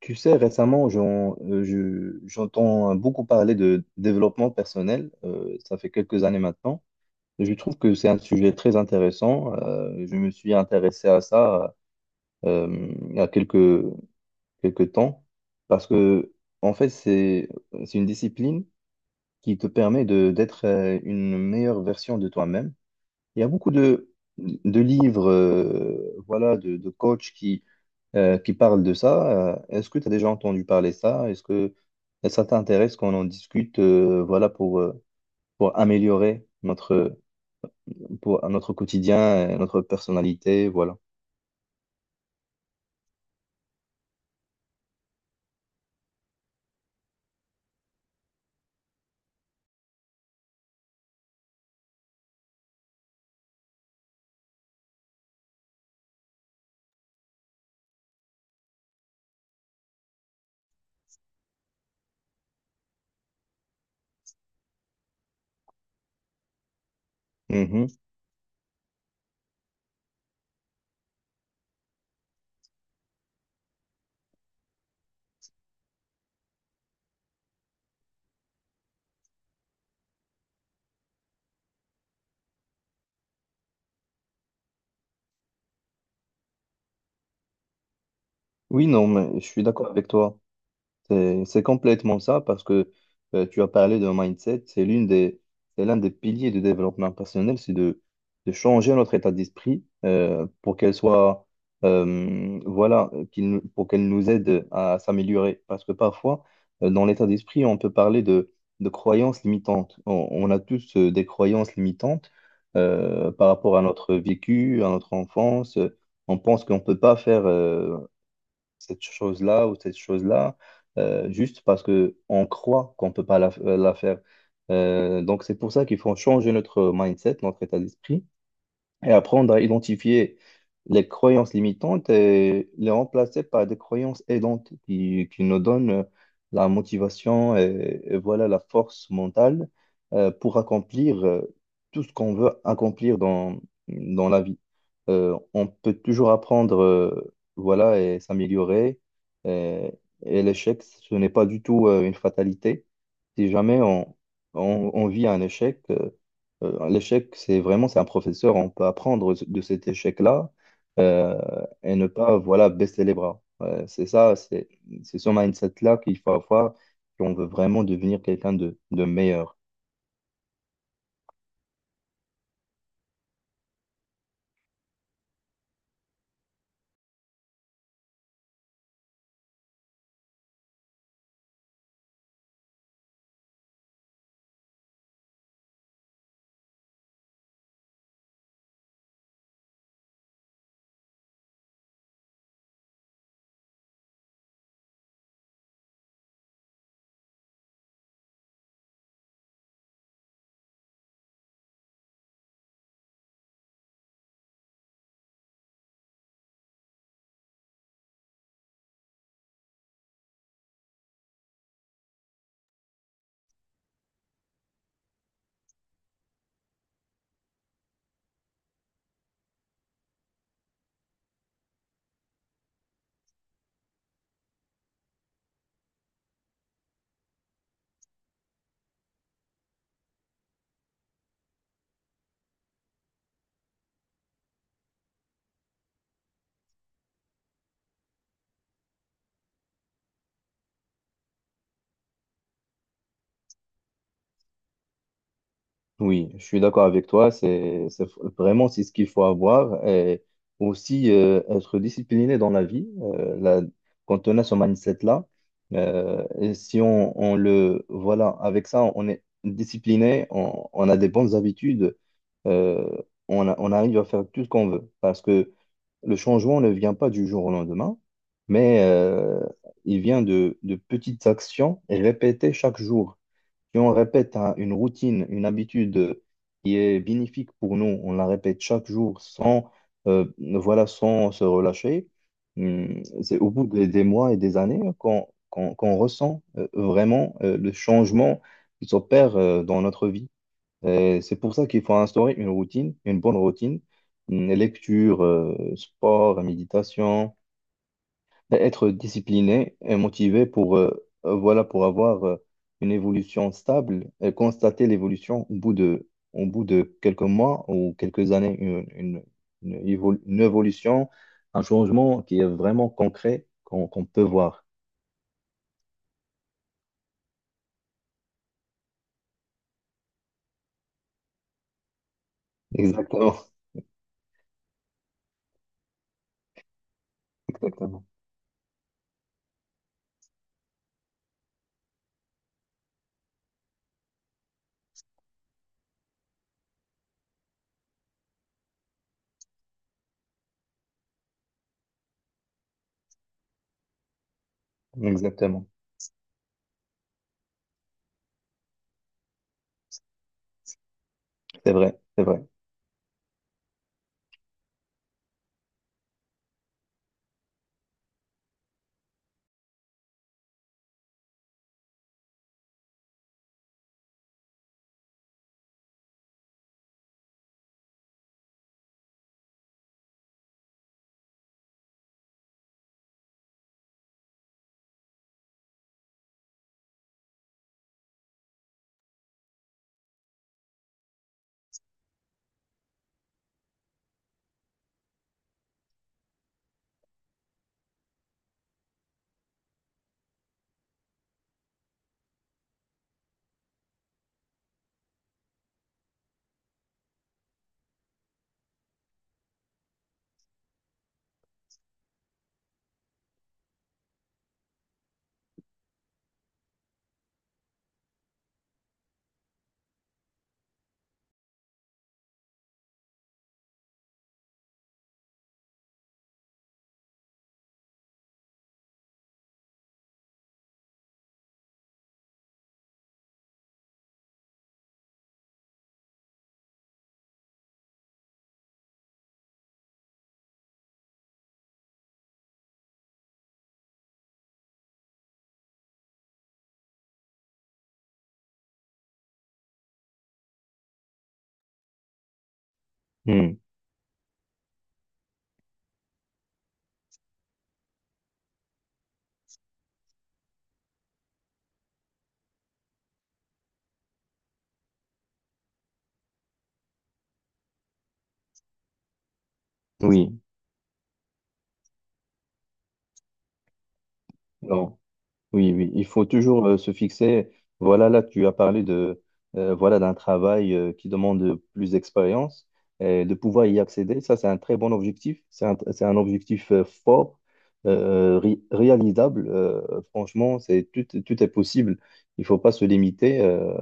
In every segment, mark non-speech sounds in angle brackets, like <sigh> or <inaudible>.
Tu sais, récemment, j'entends beaucoup parler de développement personnel. Ça fait quelques années maintenant. Je trouve que c'est un sujet très intéressant. Je me suis intéressé à ça euh, il y a quelques temps parce que, en fait, c'est une discipline qui te permet d'être une meilleure version de toi-même. Il y a beaucoup de livres, voilà, de coachs qui parle de ça. Est-ce que tu as déjà entendu parler de ça? Est-ce que ça t'intéresse qu'on en discute, voilà, pour améliorer pour, notre quotidien, et notre personnalité, voilà. Mhm. Oui, non, mais je suis d'accord avec toi. C'est complètement ça parce que tu as parlé de mindset, c'est l'un des piliers du développement personnel, c'est de changer notre état d'esprit pour qu'elle soit, pour qu'elle nous aide à s'améliorer. Parce que parfois, dans l'état d'esprit, on peut parler de croyances limitantes. On a tous des croyances limitantes par rapport à notre vécu, à notre enfance. On pense qu'on ne peut pas faire cette chose-là ou cette chose-là, juste parce que on croit qu'on peut pas la, la faire. Donc, c'est pour ça qu'il faut changer notre mindset, notre état d'esprit, et apprendre à identifier les croyances limitantes et les remplacer par des croyances aidantes qui nous donnent la motivation et voilà la force mentale pour accomplir tout ce qu'on veut accomplir dans la vie. On peut toujours apprendre voilà et s'améliorer et, et l'échec, ce n'est pas du tout une fatalité. Si jamais on vit un échec, l'échec, c'est un professeur, on peut apprendre de cet échec-là euh, et ne pas, voilà, baisser les bras. Ouais, c'est ça, c'est ce mindset-là qu'il faut avoir si on veut vraiment devenir quelqu'un de meilleur. Oui, je suis d'accord avec toi. C'est vraiment c'est ce qu'il faut avoir et aussi être discipliné dans la vie. Quand on a ce mindset-là, et si on, on le voilà avec ça, on est discipliné, on a des bonnes habitudes, euh, on arrive à faire tout ce qu'on veut parce que le changement ne vient pas du jour au lendemain, mais il vient de petites actions répétées chaque jour. Si on répète une routine, une habitude qui est bénéfique pour nous, on la répète chaque jour sans, voilà, sans se relâcher, c'est au bout des mois et des années hein, qu'on ressent vraiment le changement qui s'opère dans notre vie. Et c'est pour ça qu'il faut instaurer une routine, une bonne routine, lecture, sport, méditation. Ben, être discipliné et motivé voilà, pour avoir une évolution stable et constater l'évolution au bout de quelques mois ou quelques années, une évolution, un changement qui est vraiment concret qu'on peut voir. Exactement, <laughs> exactement, exactement. C'est vrai, c'est vrai. Hmm. Oui, non. Oui, oui, il faut toujours se fixer. Voilà, là, tu as parlé voilà, d'un travail qui demande plus d'expérience et de pouvoir y accéder. Ça, c'est un très bon objectif. C'est un objectif fort, réalisable. Franchement, tout est possible. Il faut pas se limiter.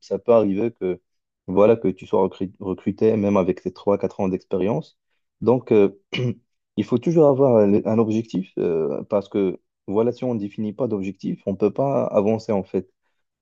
Ça peut arriver que, voilà, que tu sois recruté, même avec tes trois, quatre ans d'expérience. Donc, <clears throat> il faut toujours avoir un objectif parce que voilà, si on ne définit pas d'objectifs, on ne peut pas avancer en fait.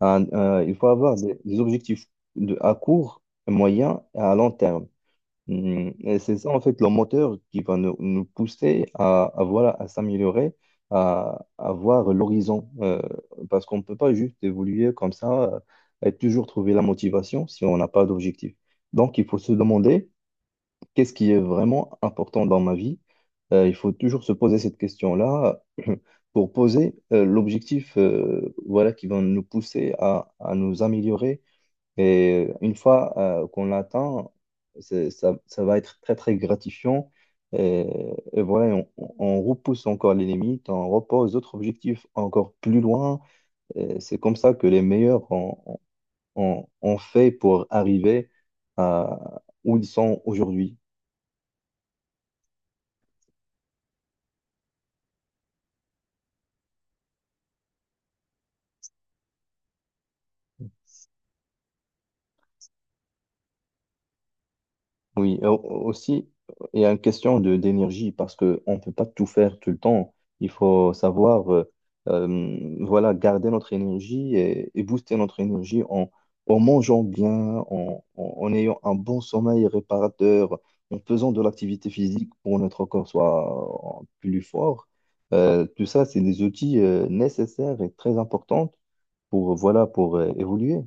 Il faut avoir des objectifs de, à court, moyen et à long terme. Et c'est ça en fait le moteur qui va nous pousser voilà, à s'améliorer, à voir l'horizon. Parce qu'on ne peut pas juste évoluer comme ça et toujours trouver la motivation si on n'a pas d'objectif. Donc il faut se demander qu'est-ce qui est vraiment important dans ma vie? Il faut toujours se poser cette question-là <clears throat> pour poser l'objectif voilà, qui va nous pousser à nous améliorer. Et une fois qu'on l'atteint, ça va être très, très gratifiant. Et, et voilà, on on repousse encore les limites, on repose d'autres objectifs encore plus loin. Et c'est comme ça que les meilleurs ont fait pour arriver à où ils sont aujourd'hui. Oui, et au- Aussi, il y a une question de d'énergie parce qu'on ne peut pas tout faire tout le temps. Il faut savoir voilà, garder notre énergie et booster notre énergie en mangeant bien, en ayant un bon sommeil réparateur, en faisant de l'activité physique pour que notre corps soit plus fort. Tout ça, c'est des outils nécessaires et très importants pour, voilà, pour évoluer.